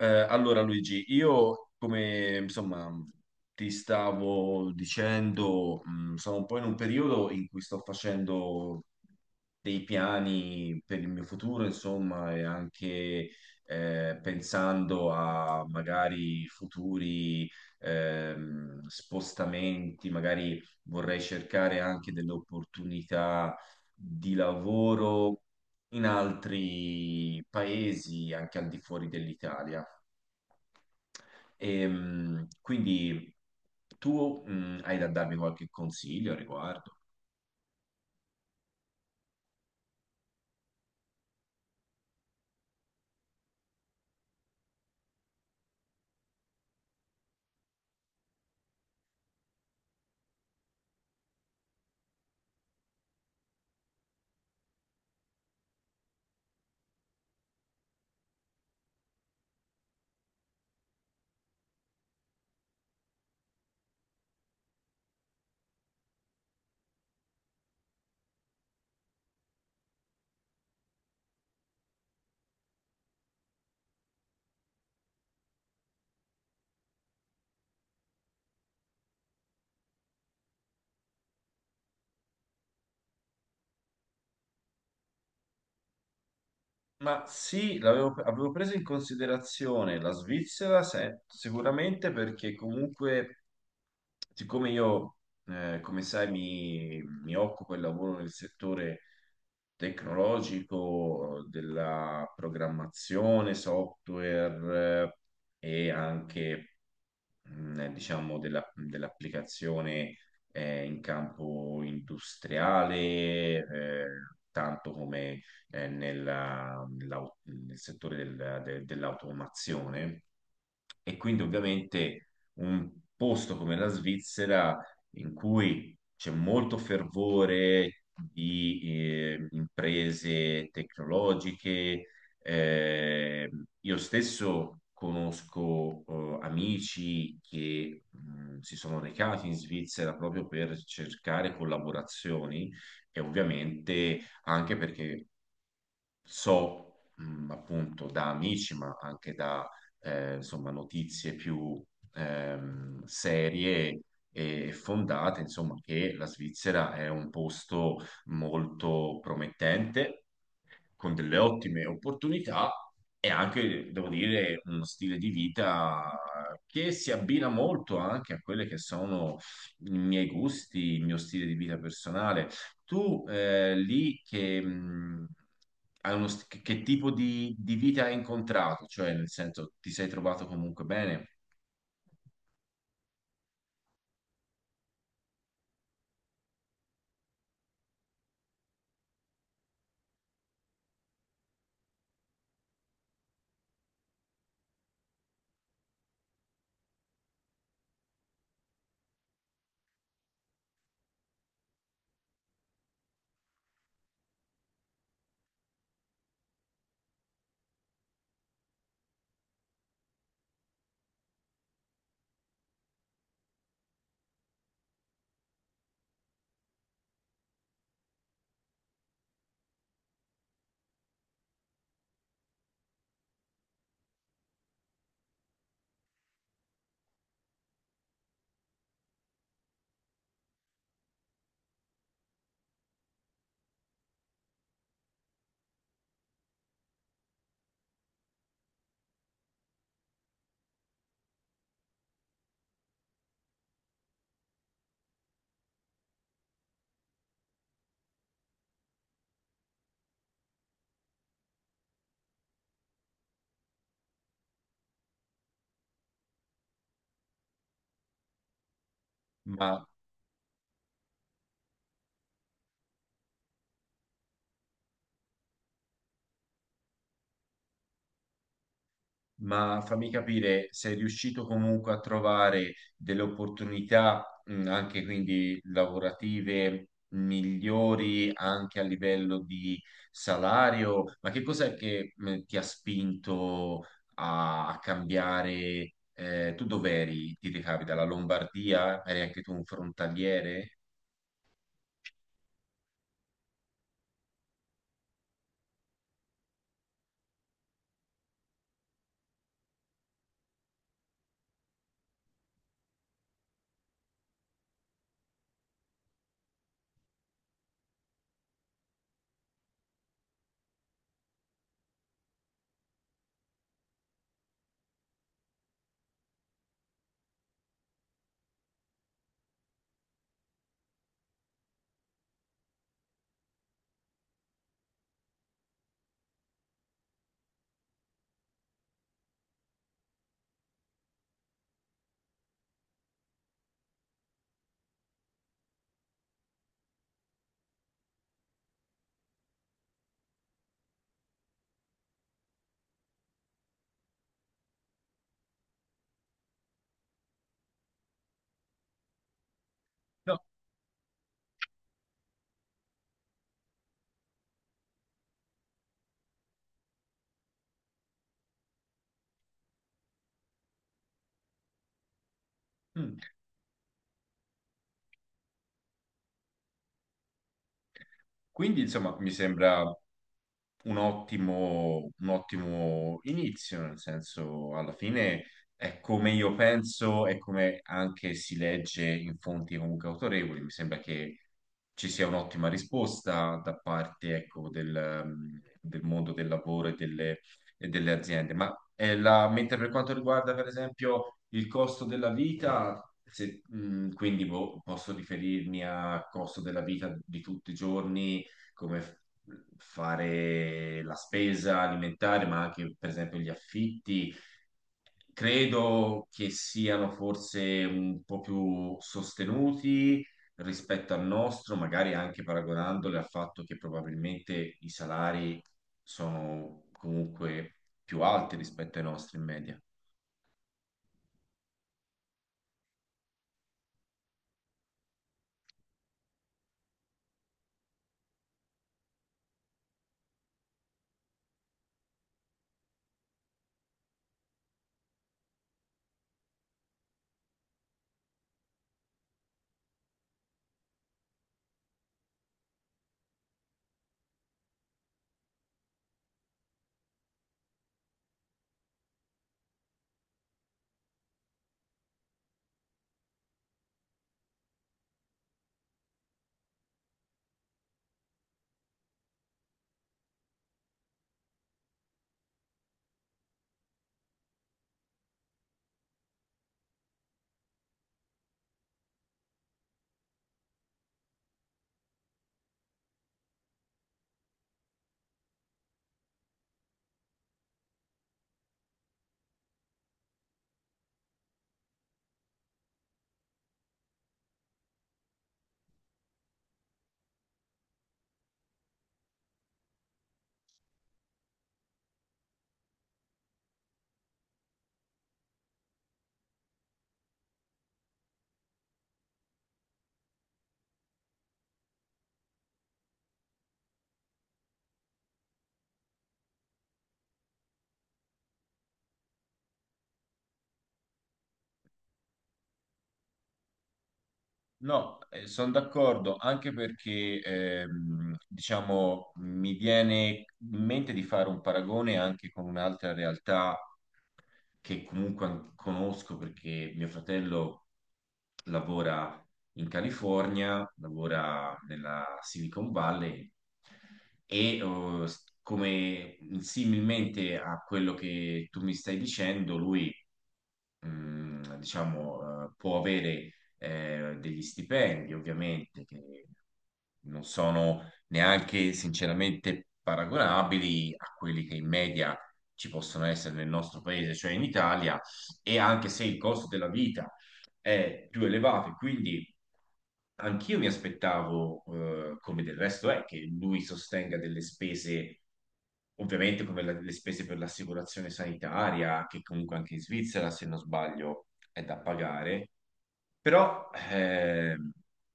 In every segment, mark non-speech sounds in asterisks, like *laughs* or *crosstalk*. Allora Luigi, io come insomma ti stavo dicendo, sono un po' in un periodo in cui sto facendo dei piani per il mio futuro, insomma, e anche pensando a magari futuri spostamenti, magari vorrei cercare anche delle opportunità di lavoro in altri paesi, anche al di fuori dell'Italia. Quindi tu hai da darmi qualche consiglio a riguardo? Ma sì, avevo preso in considerazione la Svizzera sicuramente perché comunque, siccome io, come sai, mi occupo e lavoro nel settore tecnologico, della programmazione, software e anche diciamo, dell'applicazione in campo industriale, tanto come nel settore dell'automazione. E quindi ovviamente un posto come la Svizzera in cui c'è molto fervore di imprese tecnologiche, eh, io stesso conosco amici che si sono recati in Svizzera proprio per cercare collaborazioni e ovviamente anche perché so, appunto, da amici, ma anche da, insomma, notizie più serie e fondate, insomma, che la Svizzera è un posto molto promettente, con delle ottime opportunità e anche, devo dire, uno stile di vita che si abbina molto anche a quelle che sono i miei gusti, il mio stile di vita personale. Tu lì che, che tipo di vita hai incontrato? Cioè, nel senso, ti sei trovato comunque bene, ma fammi capire, sei riuscito comunque a trovare delle opportunità, anche quindi lavorative migliori anche a livello di salario? Ma che cos'è che ti ha spinto a cambiare? Tu dov'eri? Ti recavi dalla Lombardia? Eri anche tu un frontaliere? No. Mm. Quindi, insomma, mi sembra un ottimo inizio, nel senso, alla fine è come io penso e come anche si legge in fonti comunque autorevoli. Mi sembra che ci sia un'ottima risposta da parte, ecco, del, del mondo del lavoro e delle aziende. Ma mentre per quanto riguarda, per esempio, il costo della vita. Quindi boh, posso riferirmi al costo della vita di tutti i giorni, come fare la spesa alimentare, ma anche per esempio gli affitti. Credo che siano forse un po' più sostenuti rispetto al nostro, magari anche paragonandole al fatto che probabilmente i salari sono comunque più alti rispetto ai nostri in media. No, sono d'accordo, anche perché diciamo mi viene in mente di fare un paragone anche con un'altra realtà che comunque conosco perché mio fratello lavora in California, lavora nella Silicon Valley e come similmente a quello che tu mi stai dicendo, lui diciamo, può avere degli stipendi, ovviamente, che non sono neanche sinceramente paragonabili a quelli che in media ci possono essere nel nostro paese, cioè in Italia, e anche se il costo della vita è più elevato e quindi anch'io mi aspettavo, come del resto è, che lui sostenga delle spese, ovviamente come le spese per l'assicurazione sanitaria, che comunque anche in Svizzera, se non sbaglio, è da pagare però,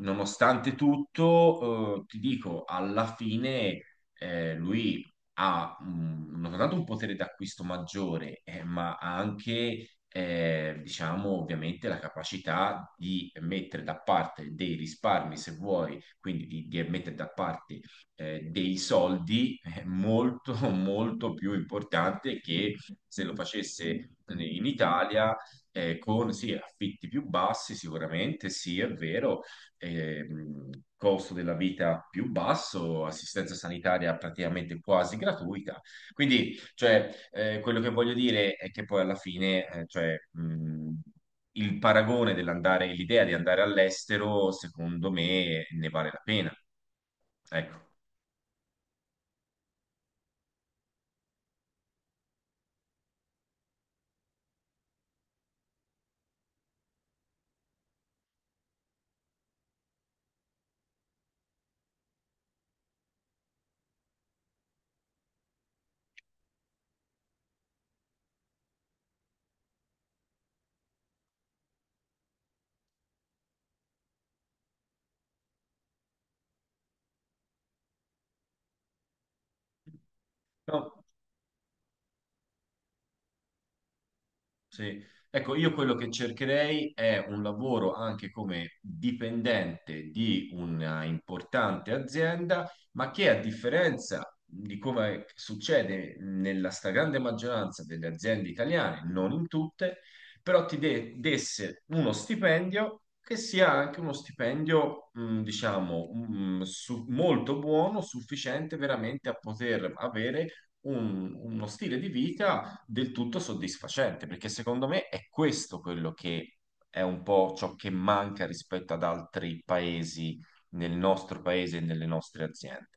nonostante tutto, ti dico, alla fine lui ha non soltanto un potere d'acquisto maggiore, ma ha anche, diciamo, ovviamente la capacità di mettere da parte dei risparmi, se vuoi, quindi di mettere da parte dei soldi, è molto, *laughs* molto più importante che se lo facesse in Italia con sì, affitti più bassi sicuramente, sì, è vero, ehm, costo della vita più basso, assistenza sanitaria praticamente quasi gratuita. Quindi, cioè, quello che voglio dire è che poi alla fine, cioè, il paragone dell'andare, l'idea di andare all'estero, secondo me, ne vale la pena. Ecco. No. Sì. Ecco, io quello che cercherei è un lavoro anche come dipendente di una importante azienda, ma che a differenza di come succede nella stragrande maggioranza delle aziende italiane, non in tutte, però desse uno stipendio che sia anche uno stipendio, diciamo, molto buono, sufficiente veramente a poter avere uno stile di vita del tutto soddisfacente, perché secondo me è questo quello che è un po' ciò che manca rispetto ad altri paesi nel nostro paese e nelle nostre aziende.